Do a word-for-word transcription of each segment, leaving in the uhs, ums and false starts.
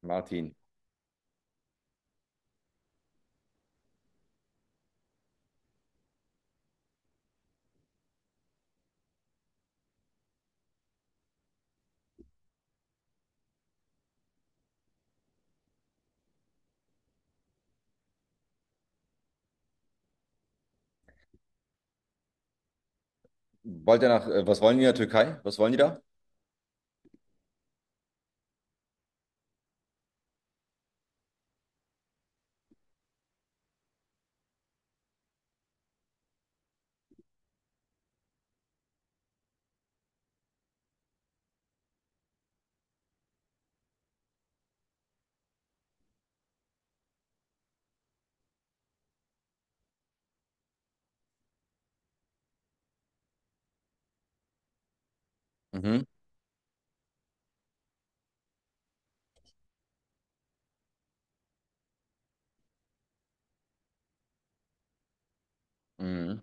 Martin. Wollt ihr nach, äh, was wollen die in der Türkei? Was wollen die da? Mhm. Mhm.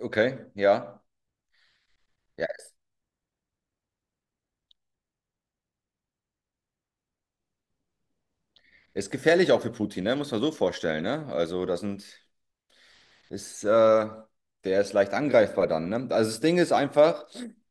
Okay, ja. Ja, ist, ist gefährlich auch für Putin, ne? Muss man so vorstellen, ne? Also das sind, ist, äh, Der ist leicht angreifbar dann, ne? Also das Ding ist einfach,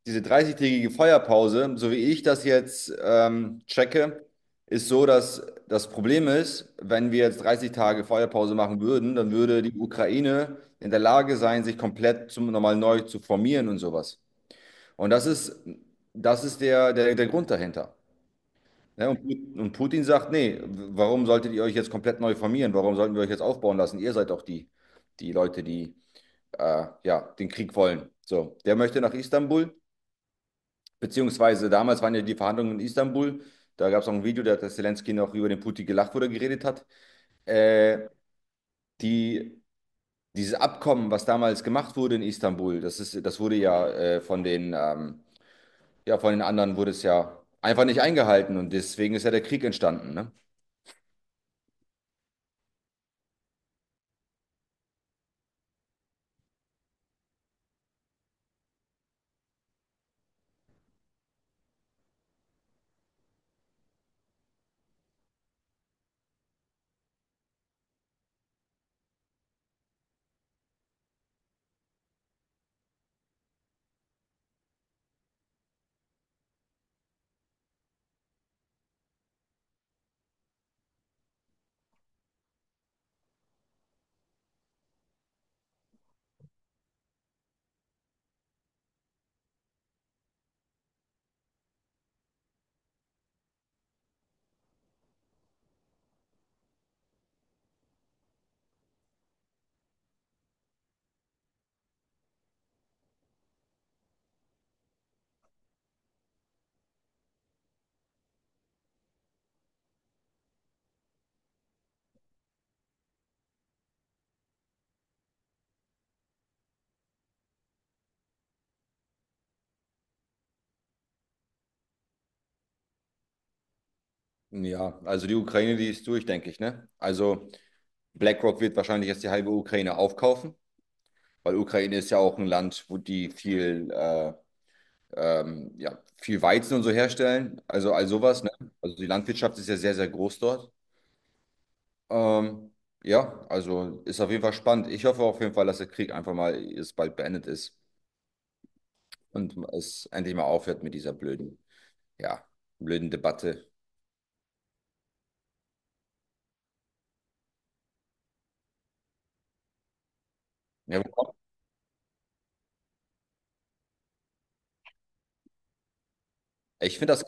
diese dreißigtägige Feuerpause, so wie ich das jetzt ähm, checke, ist so, dass das Problem ist, wenn wir jetzt dreißig Tage Feuerpause machen würden, dann würde die Ukraine in der Lage sein, sich komplett zum, nochmal neu zu formieren und sowas. Und das ist, das ist der, der, der Grund dahinter. Ne? Und, Put- und Putin sagt, nee, warum solltet ihr euch jetzt komplett neu formieren? Warum sollten wir euch jetzt aufbauen lassen? Ihr seid doch die, die Leute, die äh, ja, den Krieg wollen. So, der möchte nach Istanbul, beziehungsweise damals waren ja die Verhandlungen in Istanbul. Da gab es auch ein Video, da hat der Zelensky noch über den Putin gelacht, wo er geredet hat. Äh, die, Dieses Abkommen, was damals gemacht wurde in Istanbul, das ist, das wurde ja äh, von den ähm, ja, von den anderen wurde es ja einfach nicht eingehalten und deswegen ist ja der Krieg entstanden, ne? Ja, also die Ukraine, die ist durch, denke ich, ne? Also BlackRock wird wahrscheinlich jetzt die halbe Ukraine aufkaufen, weil Ukraine ist ja auch ein Land, wo die viel, äh, ähm, ja, viel Weizen und so herstellen, also all sowas, ne? Also die Landwirtschaft ist ja sehr, sehr groß dort. Ähm, ja, also ist auf jeden Fall spannend. Ich hoffe auf jeden Fall, dass der Krieg einfach mal jetzt bald beendet ist und es endlich mal aufhört mit dieser blöden, ja, blöden Debatte. Ja, wo- Ich finde das,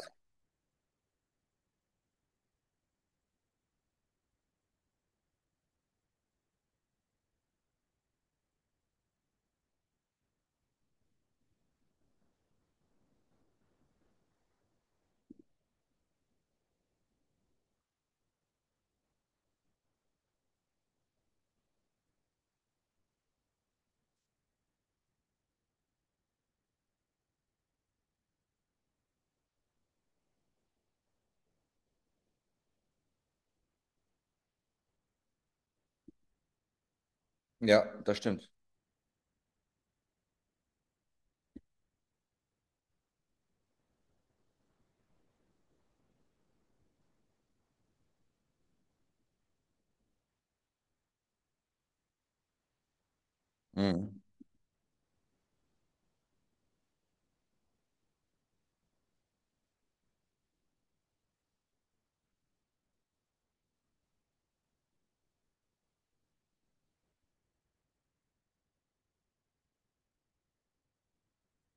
ja, das stimmt. Mhm.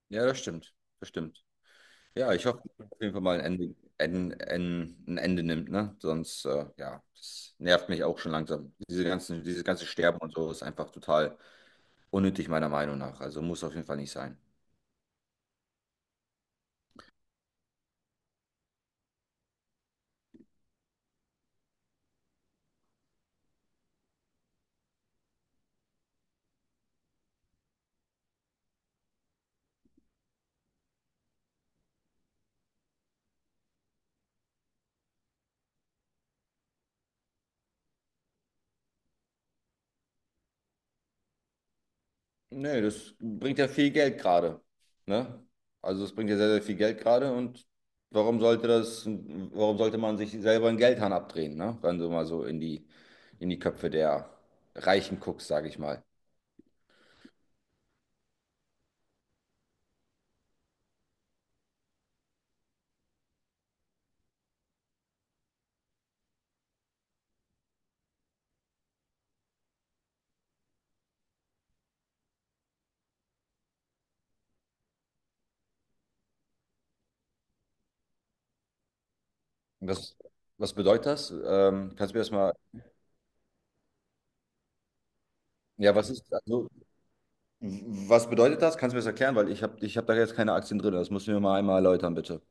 Ja, das stimmt. Das stimmt. Ja, ich hoffe, dass auf jeden Fall mal ein Ende, ein, ein, ein Ende nimmt, ne? Sonst, äh, ja, das nervt mich auch schon langsam. Diese ganzen, dieses ganze Sterben und so ist einfach total unnötig, meiner Meinung nach. Also muss auf jeden Fall nicht sein. Nee, das bringt ja viel Geld gerade. Ne? Also es bringt ja sehr, sehr viel Geld gerade und warum sollte das, warum sollte man sich selber einen Geldhahn abdrehen, ne? Wenn du mal so in die, in die Köpfe der Reichen guckst, sage ich mal. Was, was bedeutet das? Ähm, kannst du mir das mal, ja, was ist, also, was bedeutet das? Kannst du mir das erklären? Weil ich habe ich hab da jetzt keine Aktien drin. Das musst du mir mal einmal erläutern, bitte.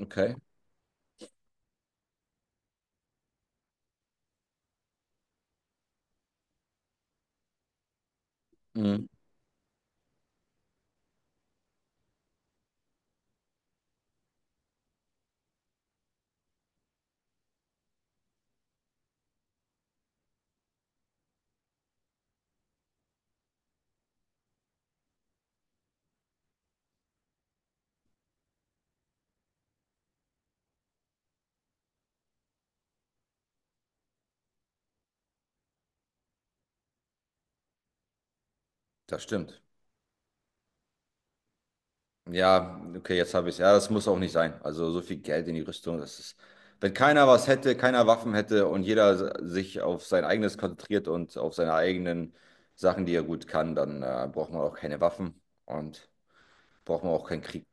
Okay. Mhm. Das stimmt. Ja, okay, jetzt habe ich es. Ja, das muss auch nicht sein. Also so viel Geld in die Rüstung, das ist. Wenn keiner was hätte, keiner Waffen hätte und jeder sich auf sein eigenes konzentriert und auf seine eigenen Sachen, die er gut kann, dann äh, braucht man auch keine Waffen und braucht man auch keinen Krieg.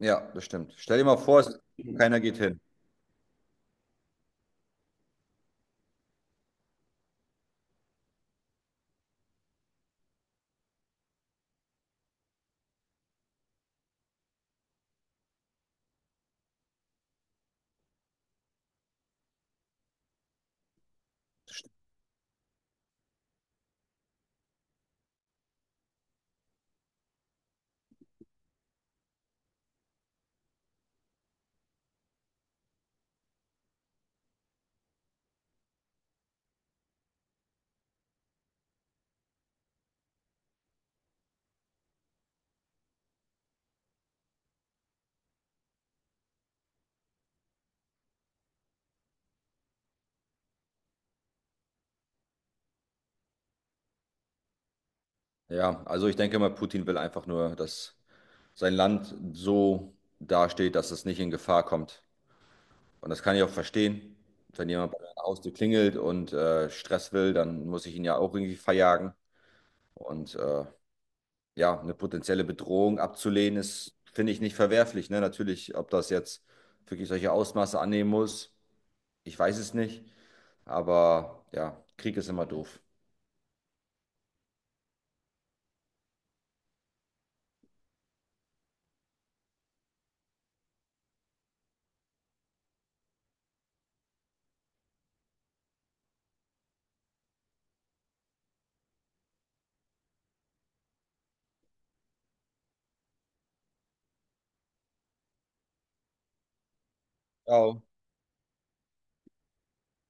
Ja, das stimmt. Stell dir mal vor, es keiner geht hin. Ja, also ich denke mal, Putin will einfach nur, dass sein Land so dasteht, dass es nicht in Gefahr kommt. Und das kann ich auch verstehen. Wenn jemand bei der Haustür klingelt und äh, Stress will, dann muss ich ihn ja auch irgendwie verjagen. Und äh, ja, eine potenzielle Bedrohung abzulehnen, ist, finde ich, nicht verwerflich. Ne? Natürlich, ob das jetzt wirklich solche Ausmaße annehmen muss, ich weiß es nicht. Aber ja, Krieg ist immer doof. Ja,